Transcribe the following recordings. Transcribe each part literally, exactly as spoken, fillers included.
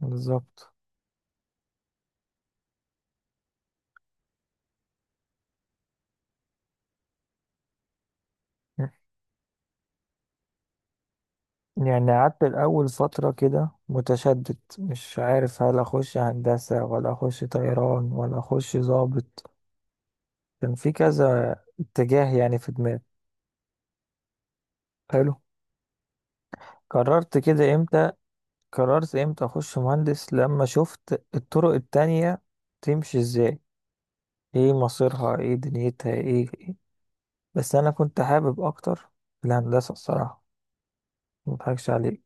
بالظبط. يعني قعدت الأول فترة كده متشدد، مش عارف هل أخش هندسة ولا أخش طيران ولا أخش ضابط. كان في كذا اتجاه يعني في دماغي. حلو. قررت كده إمتى؟ قررت إمتى أخش مهندس لما شفت الطرق التانية تمشي إزاي، إيه مصيرها، إيه دنيتها، إيه، إيه. بس أنا كنت حابب أكتر الهندسة الصراحة، مضحكش عليك.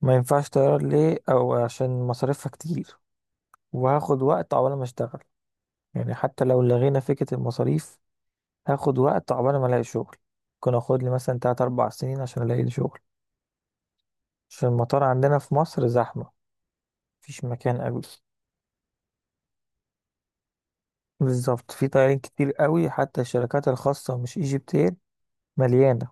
ما ينفعش طيران ليه؟ أو عشان مصاريفها كتير وهاخد وقت عقبال ما اشتغل. يعني حتى لو لغينا فكرة المصاريف، هاخد وقت عقبال ما الاقي شغل. ممكن اخد لي مثلا تلات اربع سنين عشان الاقي لي شغل، عشان المطار عندنا في مصر زحمة، مفيش مكان قوي. بالظبط، في طيارين كتير قوي، حتى الشركات الخاصة مش ايجيبت اير مليانة.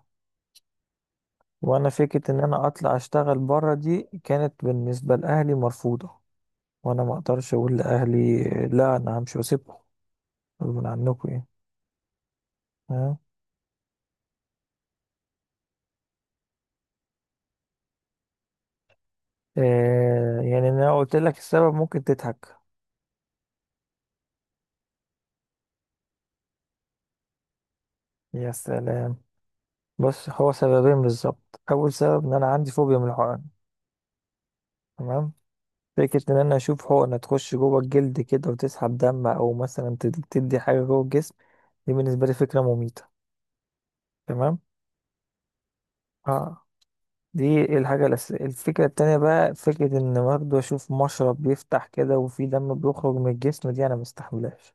وانا فكرة ان انا اطلع اشتغل بره دي كانت بالنسبة لاهلي مرفوضة. وانا ما اقدرش اقول لاهلي لا، انا همشي واسيبكم غصب عنكم يعني. فاهم؟ آه يعني انا قلت لك السبب ممكن تضحك. يا سلام. بص، هو سببين بالظبط. اول سبب ان انا عندي فوبيا من الحقن. تمام. فكرة ان انا اشوف حقنة تخش جوه الجلد كده وتسحب دم او مثلا تد- تدي حاجة جوه الجسم، دي بالنسبة لي فكرة مميتة. تمام. اه. دي الحاجة الأساسية. الفكرة التانية بقى، فكرة ان برضه اشوف مشرب بيفتح كده وفي دم بيخرج من الجسم، دي انا مستحملهاش.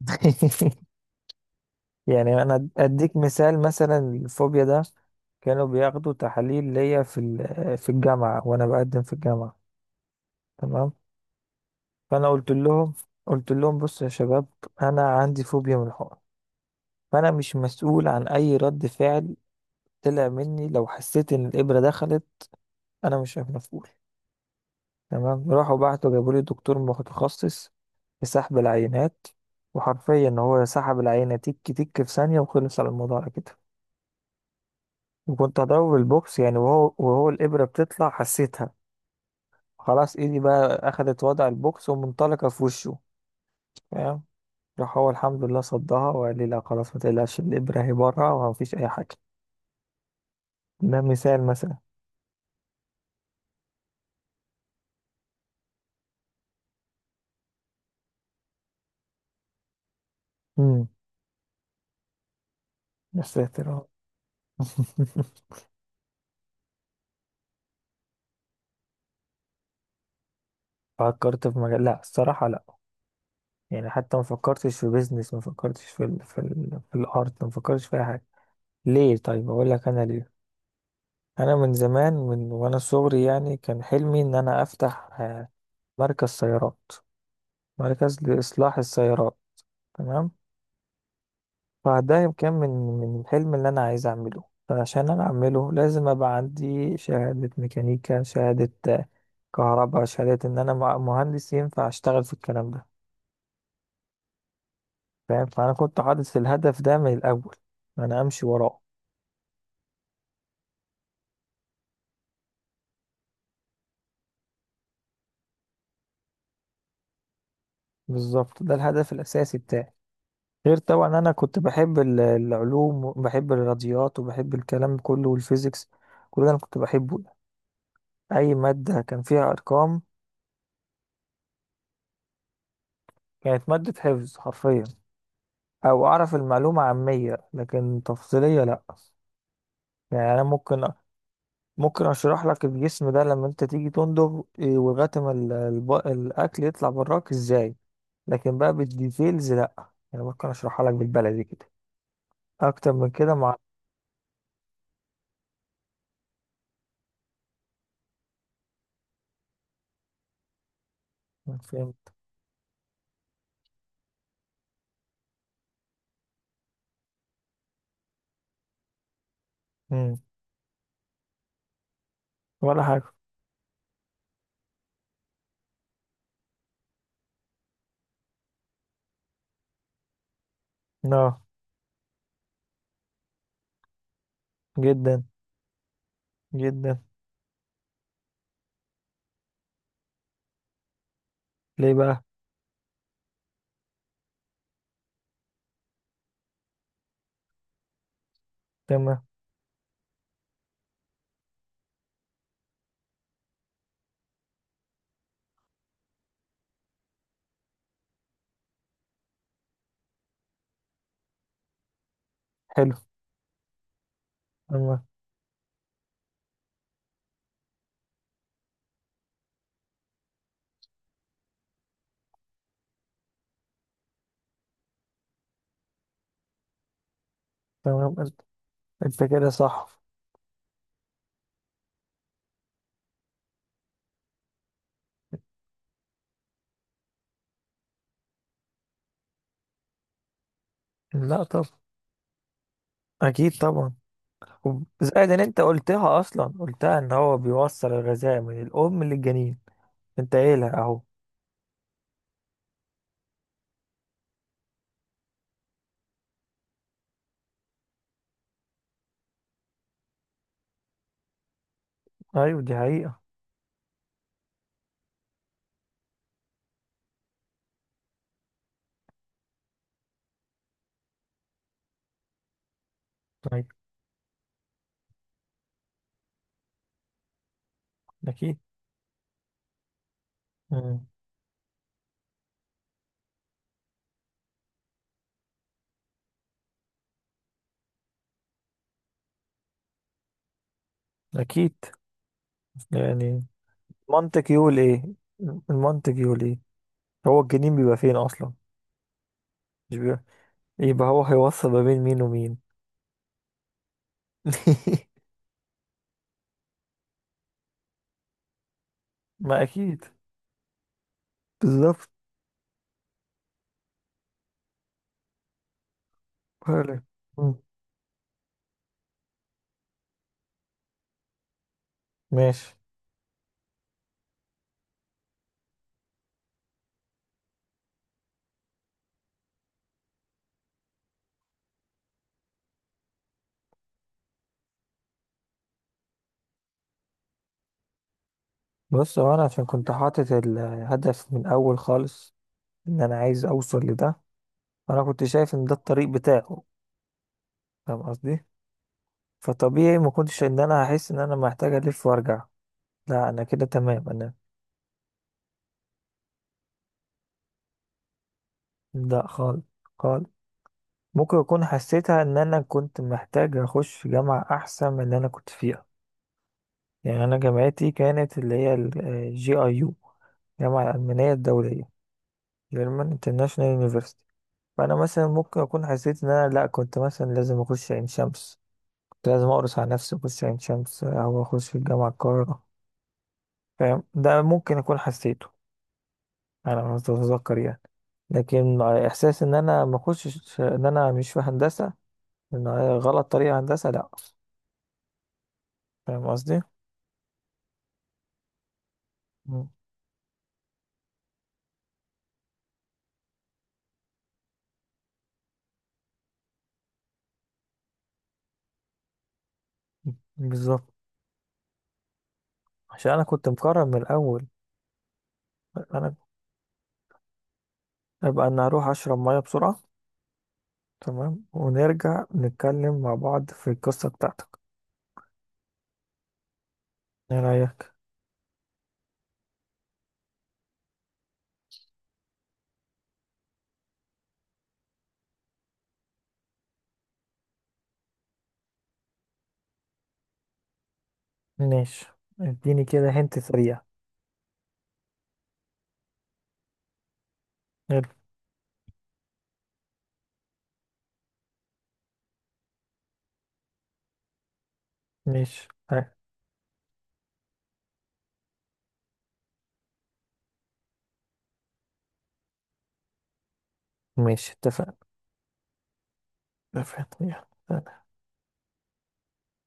يعني انا اديك مثال مثلا الفوبيا ده. كانوا بياخدوا تحاليل ليا في ال- آه، في الجامعه وانا بقدم في الجامعه. تمام. فانا قلت لهم، قلت لهم بصوا يا شباب، انا عندي فوبيا من الحقن، فانا مش مسؤول عن اي رد فعل طلع مني لو حسيت ان الابره دخلت. انا مش مسؤول. تمام. راحوا بعتوا جابوا لي دكتور متخصص في سحب العينات، وحرفيا هو سحب العينه تك تك في ثانيه وخلص على الموضوع على كده. وكنت هضربه بالبوكس يعني، وهو وهو الإبرة بتطلع حسيتها. خلاص إيدي بقى أخدت وضع البوكس ومنطلقة في وشه. فاهم؟ راح هو الحمد لله صدها وقال لي لا خلاص ما تقلقش، الإبرة هي بره ومفيش أي حاجة. ده مثال مثلا. امم. يا ساتر آه. فكرت في مجال؟ لا الصراحة لا. يعني حتى ما فكرتش في بيزنس، ما فكرتش في ال... في ال... في الارت، ما فكرتش في اي حاجة. ليه؟ طيب اقول لك انا ليه. انا من زمان، من وانا صغري يعني، كان حلمي ان انا افتح مركز سيارات، مركز لإصلاح السيارات. تمام. فده كان من من الحلم اللي أنا عايز أعمله. فعشان أنا أعمله لازم أبقى عندي شهادة ميكانيكا، شهادة آه، كهرباء، شهادة إن أنا مع- مهندس ينفع أشتغل في الكلام ده. فاهم؟ فأنا كنت حاطط الهدف ده من الأول، أنا أمشي وراه. بالظبط، ده الهدف الأساسي بتاعي. غير طبعا أنا كنت بحب ال- العلوم، وبحب الرياضيات، وبحب الكلام كله، والفيزيكس. كل ده أنا كنت بحبه، أي مادة كان فيها أرقام. كانت مادة حفظ حرفيا. أو أعرف المعلومة عامية لكن تفصيلية لأ. يعني أنا ممكن، ممكن أشرح لك الجسم ده لما أنت تيجي تندغ إيه، ولغاية ما ال- الب- الأكل يطلع براك إزاي. لكن بقى بالديتيلز لأ. يعني ممكن أشرحها لك بالبلدي كده، أكتر من كده مع... فهمت. مم. ولا حاجة. لا، جدا جدا. ليه بقى؟ تمام. حلو. تمام. تمام أنت. أنت كده صح. لا طب. أكيد طبعا. زائد ان انت قلتها اصلا، قلتها ان هو بيوصل الغذاء من الام للجنين، انت قايلها اهو. ايوه دي حقيقة. ايوه. اكيد. مم. اكيد يعني. المنطق يقول ايه؟ المنطق يقول ايه؟ هو الجنين بيبقى فين اصلا؟ مش بيبقى، يبقى هو هيوصل ما بين مين ومين؟ ما اكيد. بالظبط. فعلا. مم. ماشي. بص، هو انا عشان كنت حاطط الهدف من اول خالص ان انا عايز اوصل لده، فانا كنت شايف ان ده الطريق بتاعه. فاهم قصدي؟ فطبيعي ما كنتش ان انا هحس ان انا محتاج الف وارجع. لا انا كده تمام انا. لا خالص، خالص. ممكن اكون حسيتها ان انا كنت محتاج اخش جامعة احسن من اللي انا كنت فيها. يعني انا جامعتي كانت اللي هي الجي اي يو، الجامعة الألمانية الدولية، German International University. فأنا مثلا ممكن أكون حسيت إن أنا لأ، كنت مثلا لازم أخش عين شمس، كنت لازم أقرص على نفسي أخش عين شمس أو أخش في الجامعة القاهرة. فاهم؟ ده ممكن أكون حسيته، على ما اتذكر يعني. لكن احساس ان انا ما اخشش ان انا مش في هندسه، ان هي غلط طريقه هندسه، لا. فاهم قصدي؟ مم. بالظبط، عشان انا كنت مقرر من الاول. انا ابقى ان اروح اشرب ميه بسرعه تمام، ونرجع نتكلم مع بعض في القصه بتاعتك. ايه رايك؟ ماشي. اديني كده هنت سريع. يلا. ماشي. ها، ماشي. اتفقنا. اتفقنا. يلا.